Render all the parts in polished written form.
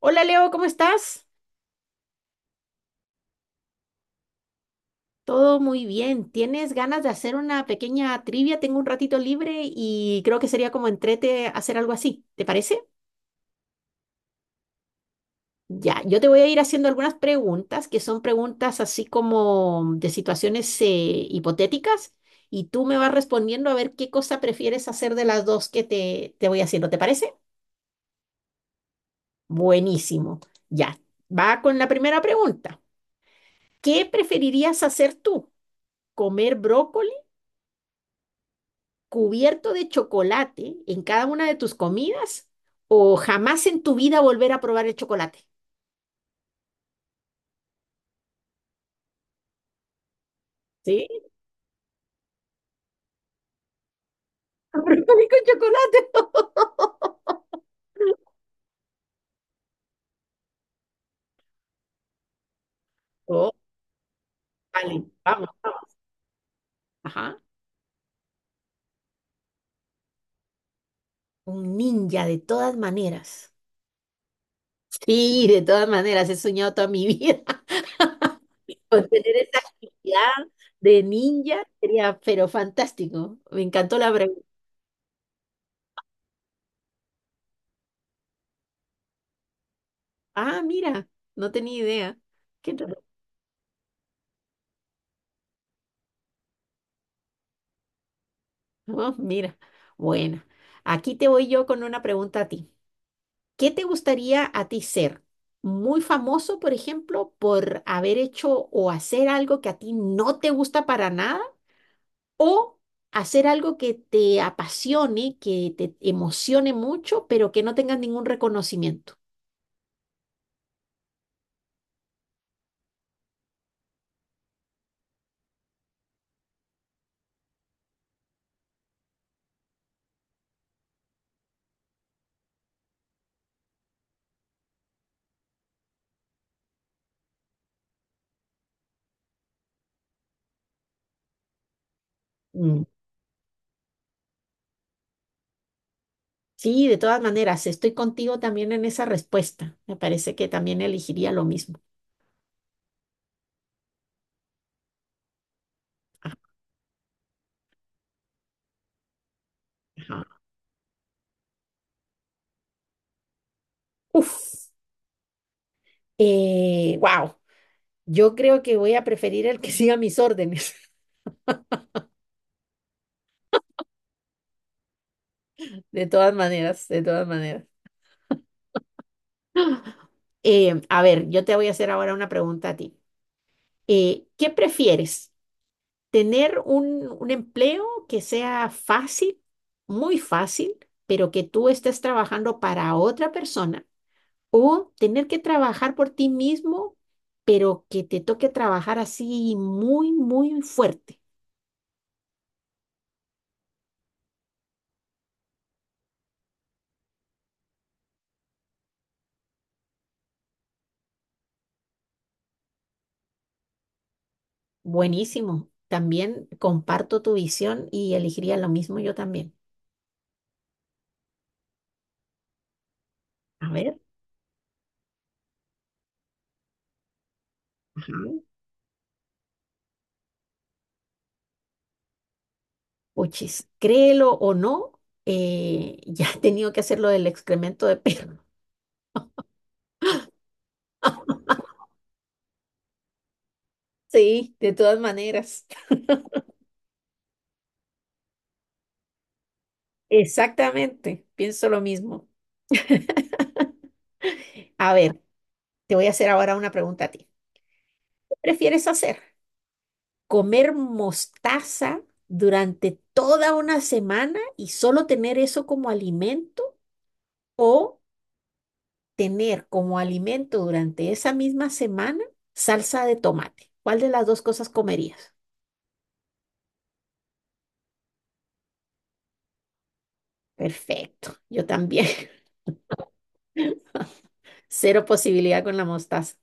Hola Leo, ¿cómo estás? Todo muy bien. ¿Tienes ganas de hacer una pequeña trivia? Tengo un ratito libre y creo que sería como entrete hacer algo así. ¿Te parece? Ya, yo te voy a ir haciendo algunas preguntas que son preguntas así como de situaciones hipotéticas, y tú me vas respondiendo a ver qué cosa prefieres hacer de las dos que te voy haciendo. ¿Te parece? Buenísimo. Ya, va con la primera pregunta. ¿Qué preferirías hacer tú? ¿Comer brócoli cubierto de chocolate en cada una de tus comidas o jamás en tu vida volver a probar el chocolate? ¿Sí? Brócoli con chocolate. Oh, vale, vamos, vamos. Ajá. Un ninja de todas maneras. Sí, de todas maneras, he soñado toda mi vida con tener esa actividad de ninja, sería, pero fantástico. Me encantó la pregunta. Ah, mira, no tenía idea. Qué. Oh, mira, bueno, aquí te voy yo con una pregunta a ti. ¿Qué te gustaría a ti ser? ¿Muy famoso, por ejemplo, por haber hecho o hacer algo que a ti no te gusta para nada? ¿O hacer algo que te apasione, que te emocione mucho, pero que no tengas ningún reconocimiento? Mm. Sí, de todas maneras, estoy contigo también en esa respuesta. Me parece que también elegiría lo mismo. Ajá. Uf, wow. Yo creo que voy a preferir el que siga mis órdenes. De todas maneras, de todas maneras. A ver, yo te voy a hacer ahora una pregunta a ti. ¿Qué prefieres? ¿Tener un empleo que sea fácil, muy fácil, pero que tú estés trabajando para otra persona? ¿O tener que trabajar por ti mismo, pero que te toque trabajar así muy fuerte? Buenísimo. También comparto tu visión y elegiría lo mismo yo también. A ver, ajá. Puchis, créelo o no, ya he tenido que hacer lo del excremento de perro. Sí, de todas maneras. Exactamente, pienso lo mismo. A ver, te voy a hacer ahora una pregunta a ti. ¿Qué prefieres hacer? ¿Comer mostaza durante toda una semana y solo tener eso como alimento o tener como alimento durante esa misma semana salsa de tomate? ¿Cuál de las dos cosas comerías? Perfecto, yo también. Cero posibilidad con la mostaza.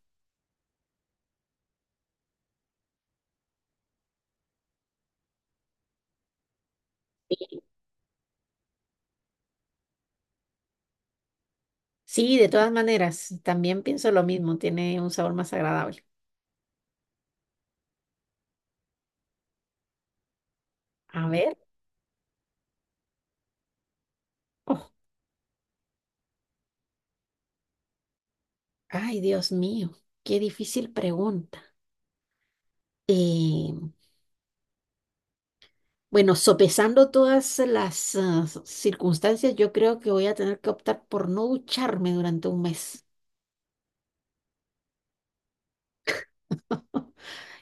Sí, de todas maneras, también pienso lo mismo, tiene un sabor más agradable. A ver, oh, ay, Dios mío, qué difícil pregunta. Eh, Bueno, sopesando todas las circunstancias, yo creo que voy a tener que optar por no ducharme durante un mes.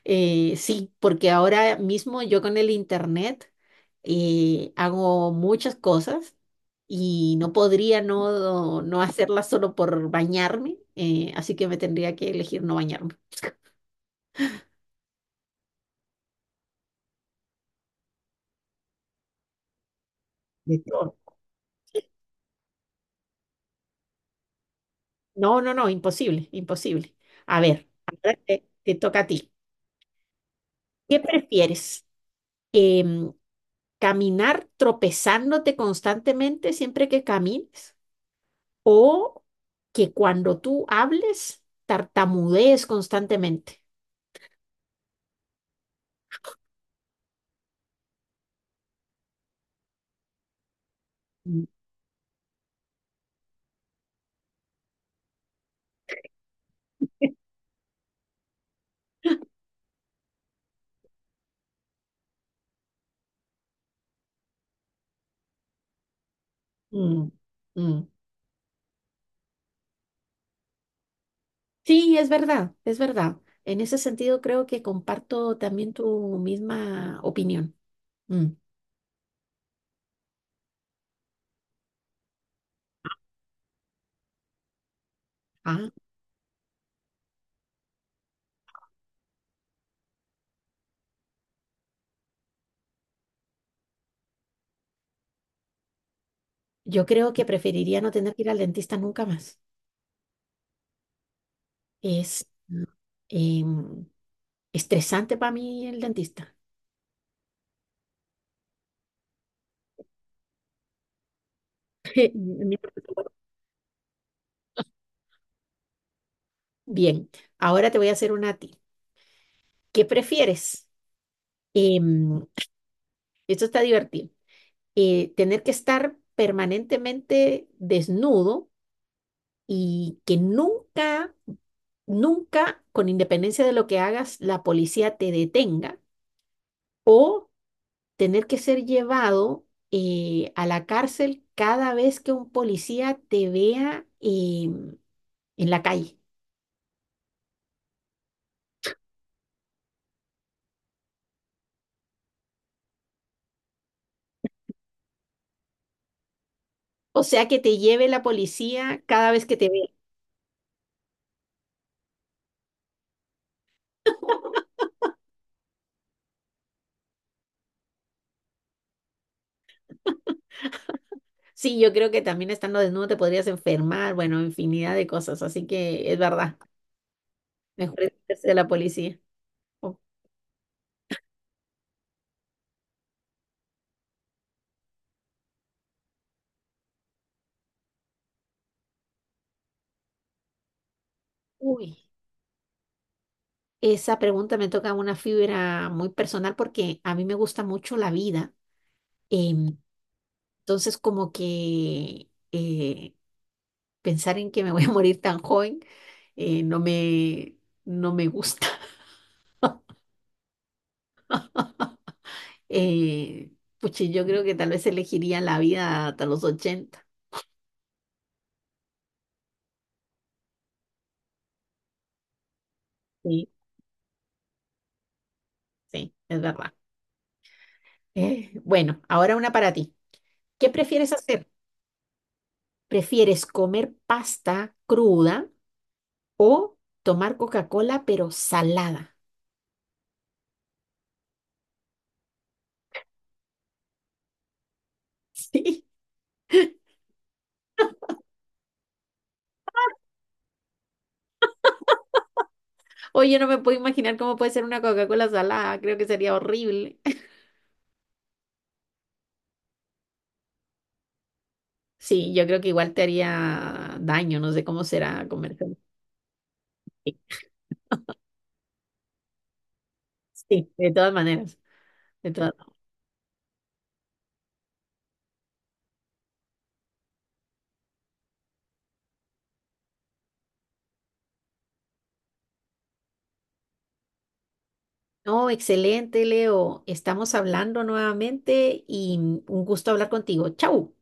Sí, porque ahora mismo yo con el internet hago muchas cosas y no podría no hacerlas solo por bañarme, así que me tendría que elegir no bañarme. De todo. No, no, no, imposible, imposible. A ver, te toca a ti. ¿Qué prefieres? Em, ¿Caminar tropezándote constantemente siempre que camines o que cuando tú hables tartamudees constantemente? Mm. Mm, mm. Sí, es verdad, es verdad. En ese sentido creo que comparto también tu misma opinión. Mm. Ah, yo creo que preferiría no tener que ir al dentista nunca más. Es mm, em, estresante para mí el dentista. Bien, ahora te voy a hacer una a ti. ¿Qué prefieres? Em, Esto está divertido. ¿Tener que estar permanentemente desnudo y que nunca, nunca, con independencia de lo que hagas, la policía te detenga, o tener que ser llevado a la cárcel cada vez que un policía te vea en la calle? O sea, que te lleve la policía cada vez que te vea. Sí, yo creo que también estando desnudo te podrías enfermar, bueno, infinidad de cosas, así que es verdad, mejor esconderse de la policía. Oh, uy, esa pregunta me toca una fibra muy personal porque a mí me gusta mucho la vida. em, entonces, como que pensar en que me voy a morir tan joven no me, no me gusta. Eh, puchi, yo creo que tal vez elegiría la vida hasta los 80. Sí, sí, es verdad. Bueno, ahora una para ti. ¿Qué prefieres hacer? ¿Prefieres comer pasta cruda o tomar Coca-Cola pero salada? Sí. Oye, no me puedo imaginar cómo puede ser una Coca-Cola salada. Creo que sería horrible. Sí, yo creo que igual te haría daño. No sé cómo será comer. Sí, sí, de todas maneras. De todas. No, excelente, Leo. Estamos hablando nuevamente y un gusto hablar contigo. Chau.